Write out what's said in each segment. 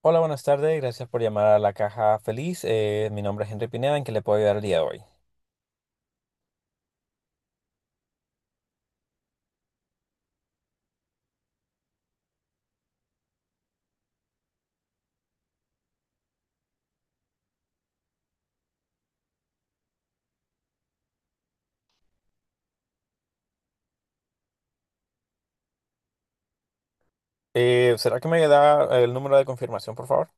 Hola, buenas tardes. Gracias por llamar a la Caja Feliz. Mi nombre es Henry Pineda. ¿En qué le puedo ayudar el día de hoy? ¿Será que me da el número de confirmación, por favor?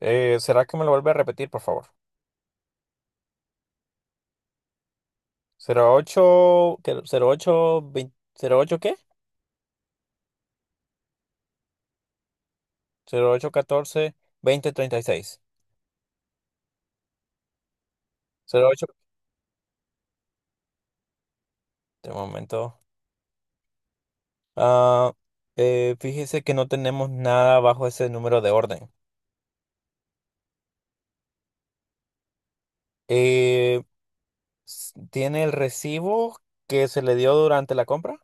¿Será que me lo vuelve a repetir, por favor? Cero ocho, ¿qué? 08, 20, ¿08 qué? 08 14 20 36. Cero ocho. De momento. Ah, fíjese que no tenemos nada bajo ese número de orden. Eh, ¿tiene el recibo que se le dio durante la compra?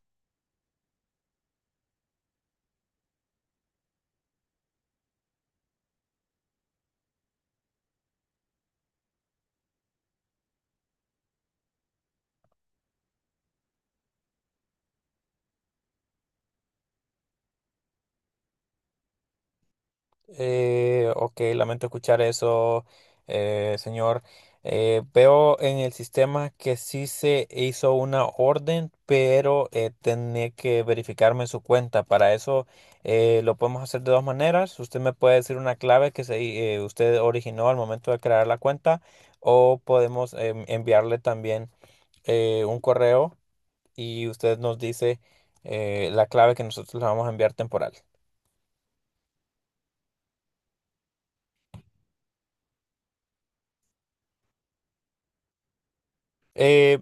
Ok, lamento escuchar eso, señor. Veo en el sistema que sí se hizo una orden, pero tenía que verificarme su cuenta. Para eso, lo podemos hacer de dos maneras. Usted me puede decir una clave que se, usted originó al momento de crear la cuenta, o podemos enviarle también un correo y usted nos dice la clave que nosotros le vamos a enviar temporal. Eh,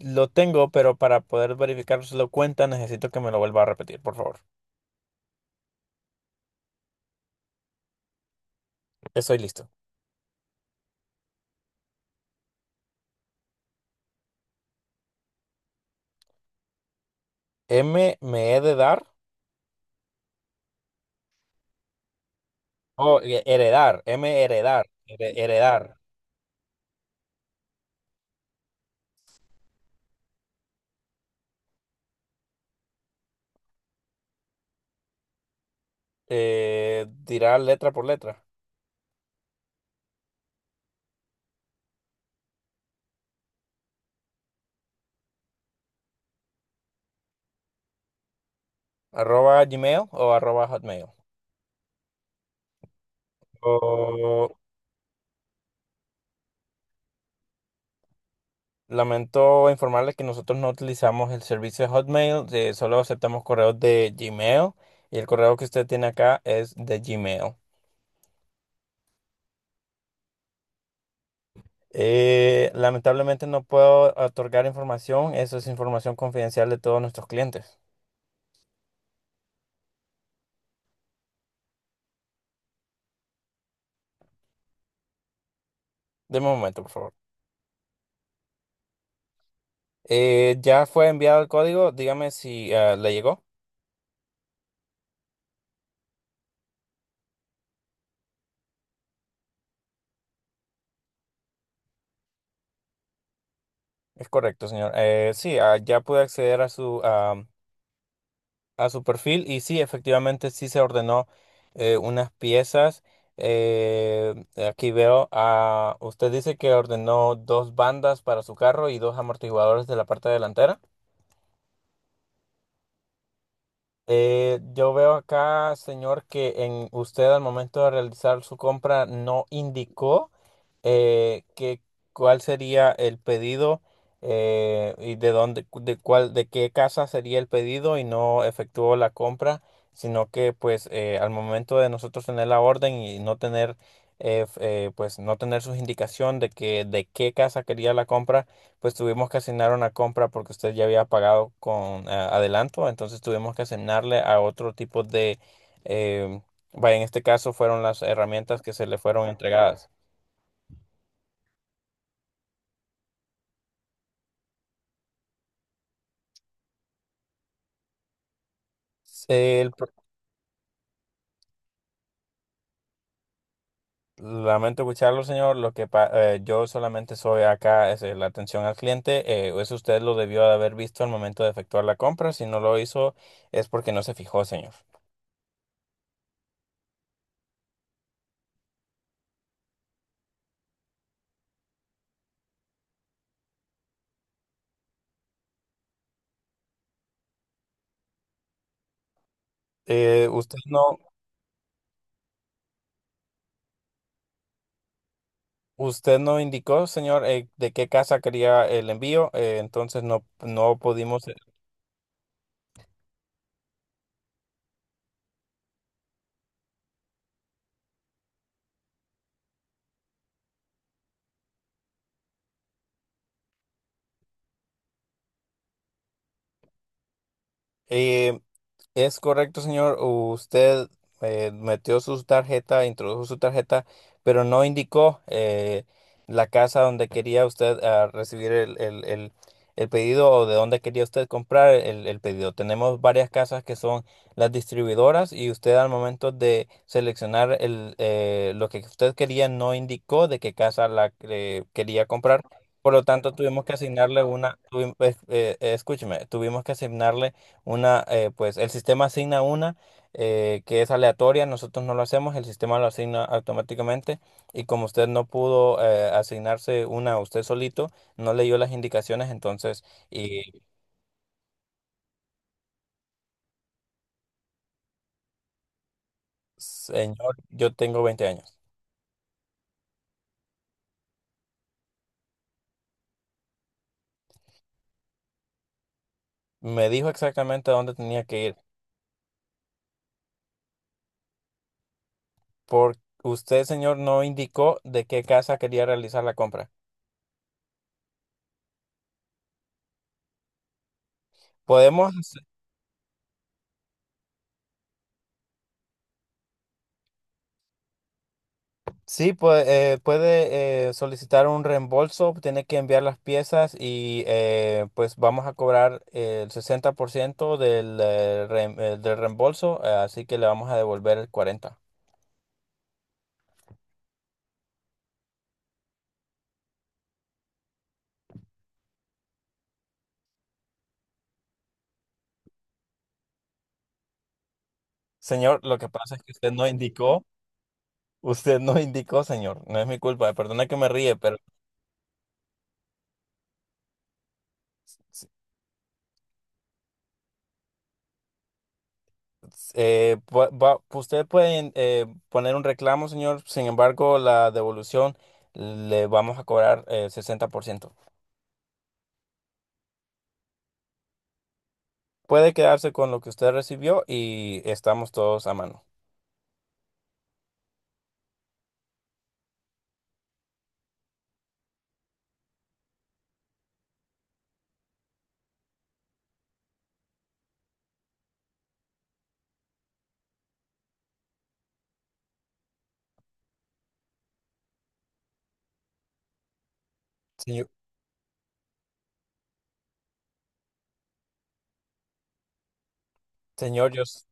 lo tengo, pero para poder verificar si lo cuenta, necesito que me lo vuelva a repetir, por favor. Estoy listo. M me he de dar. O heredar. M heredar. Heredar. Dirá letra por letra. Arroba Gmail o arroba Hotmail. O- lamento informarles que nosotros no utilizamos el servicio de Hotmail, solo aceptamos correos de Gmail, y el correo que usted tiene acá es de Gmail. Lamentablemente no puedo otorgar información, eso es información confidencial de todos nuestros clientes. Deme un momento, por favor. Ya fue enviado el código, dígame si le llegó. Es correcto, señor. Sí, ya pude acceder a su, a su perfil, y sí, efectivamente sí se ordenó unas piezas. Eh, aquí veo, usted dice que ordenó dos bandas para su carro y dos amortiguadores de la parte delantera. Yo veo acá, señor, que en usted al momento de realizar su compra no indicó que cuál sería el pedido, y de dónde, de cuál, de qué casa sería el pedido, y no efectuó la compra, sino que pues al momento de nosotros tener la orden y no tener eh, f- pues no tener su indicación de que de qué casa quería la compra, pues tuvimos que asignar una compra porque usted ya había pagado con adelanto. Entonces tuvimos que asignarle a otro tipo de, eh, vaya, en este caso fueron las herramientas que se le fueron entregadas. Eh, El pro- Lamento escucharlo, señor. Yo solamente soy acá, es la atención al cliente. Eh, eso usted lo debió de haber visto al momento de efectuar la compra; si no lo hizo, es porque no se fijó, señor. Eh, usted no, Usted no indicó, señor, de qué casa quería el envío. Eh, entonces, no pudimos. eh, Es correcto, señor. Usted metió su tarjeta, introdujo su tarjeta, pero no indicó la casa donde quería usted recibir el pedido, o de dónde quería usted comprar el pedido. Tenemos varias casas, que son las distribuidoras, y usted al momento de seleccionar el, lo que usted quería, no indicó de qué casa la quería comprar. Por lo tanto, tuvimos que asignarle una, escúcheme, tuvimos que asignarle una, pues el sistema asigna una que es aleatoria, nosotros no lo hacemos, el sistema lo asigna automáticamente, y como usted no pudo asignarse una usted solito, no leyó las indicaciones, entonces... Y, señor, yo tengo 20 años. Me dijo exactamente a dónde tenía que ir, porque usted, señor, no indicó de qué casa quería realizar la compra. Podemos... Sí, pues puede solicitar un reembolso, tiene que enviar las piezas y, pues vamos a cobrar el 60% del reembolso, así que le vamos a devolver el 40%. Señor, lo que pasa es que usted no indicó, señor, no es mi culpa, perdona que me ríe, pero s- usted puede poner un reclamo, señor. Sin embargo, la devolución le vamos a cobrar el 60%. Puede quedarse con lo que usted recibió y estamos todos a mano. Señor, señor, yo s-...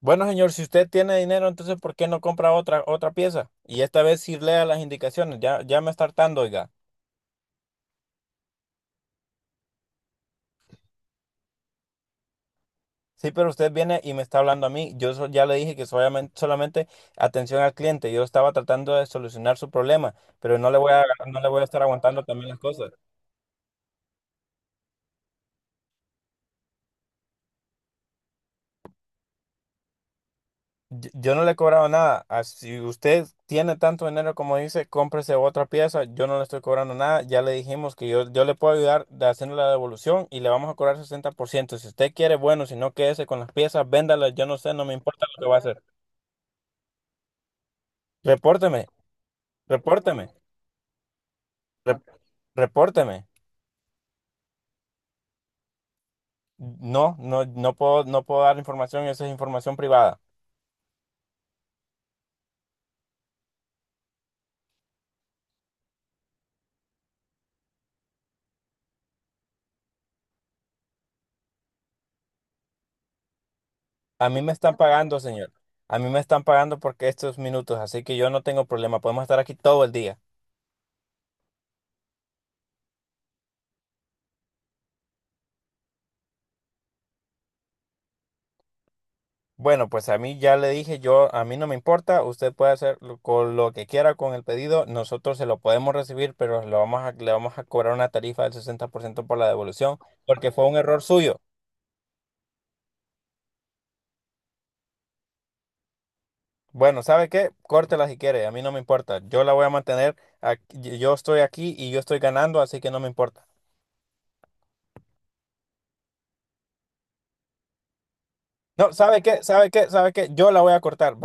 Bueno, señor, si usted tiene dinero, entonces ¿por qué no compra otra pieza? Y esta vez sí lea las indicaciones. Ya me está hartando, oiga. Sí, pero usted viene y me está hablando a mí. Ya le dije que solamente atención al cliente. Yo estaba tratando de solucionar su problema, pero no le voy a estar aguantando también las cosas. Yo no le he cobrado nada. Si usted tiene tanto dinero como dice, cómprese otra pieza. Yo no le estoy cobrando nada. Ya le dijimos que yo le puedo ayudar de haciendo la devolución y le vamos a cobrar 60%. Si usted quiere, bueno, si no, quédese con las piezas, véndalas. Yo no sé, no me importa lo que va a hacer. Repórteme, repórteme, re- repórteme. No, no, no puedo, no puedo dar información. Esa es información privada. A mí me están pagando, señor. A mí me están pagando porque estos minutos, así que yo no tengo problema. Podemos estar aquí todo el día. Bueno, pues a mí ya le dije, yo a mí no me importa, usted puede hacer con lo que quiera con el pedido, nosotros se lo podemos recibir, pero le vamos a cobrar una tarifa del 60% por ciento por la devolución, porque fue un error suyo. Bueno, ¿sabe qué? Córtela si quiere, a mí no me importa, yo la voy a mantener. Yo estoy aquí y yo estoy ganando, así que no me importa. No, ¿sabe qué? ¿Sabe qué? ¿Sabe qué? Yo la voy a cortar.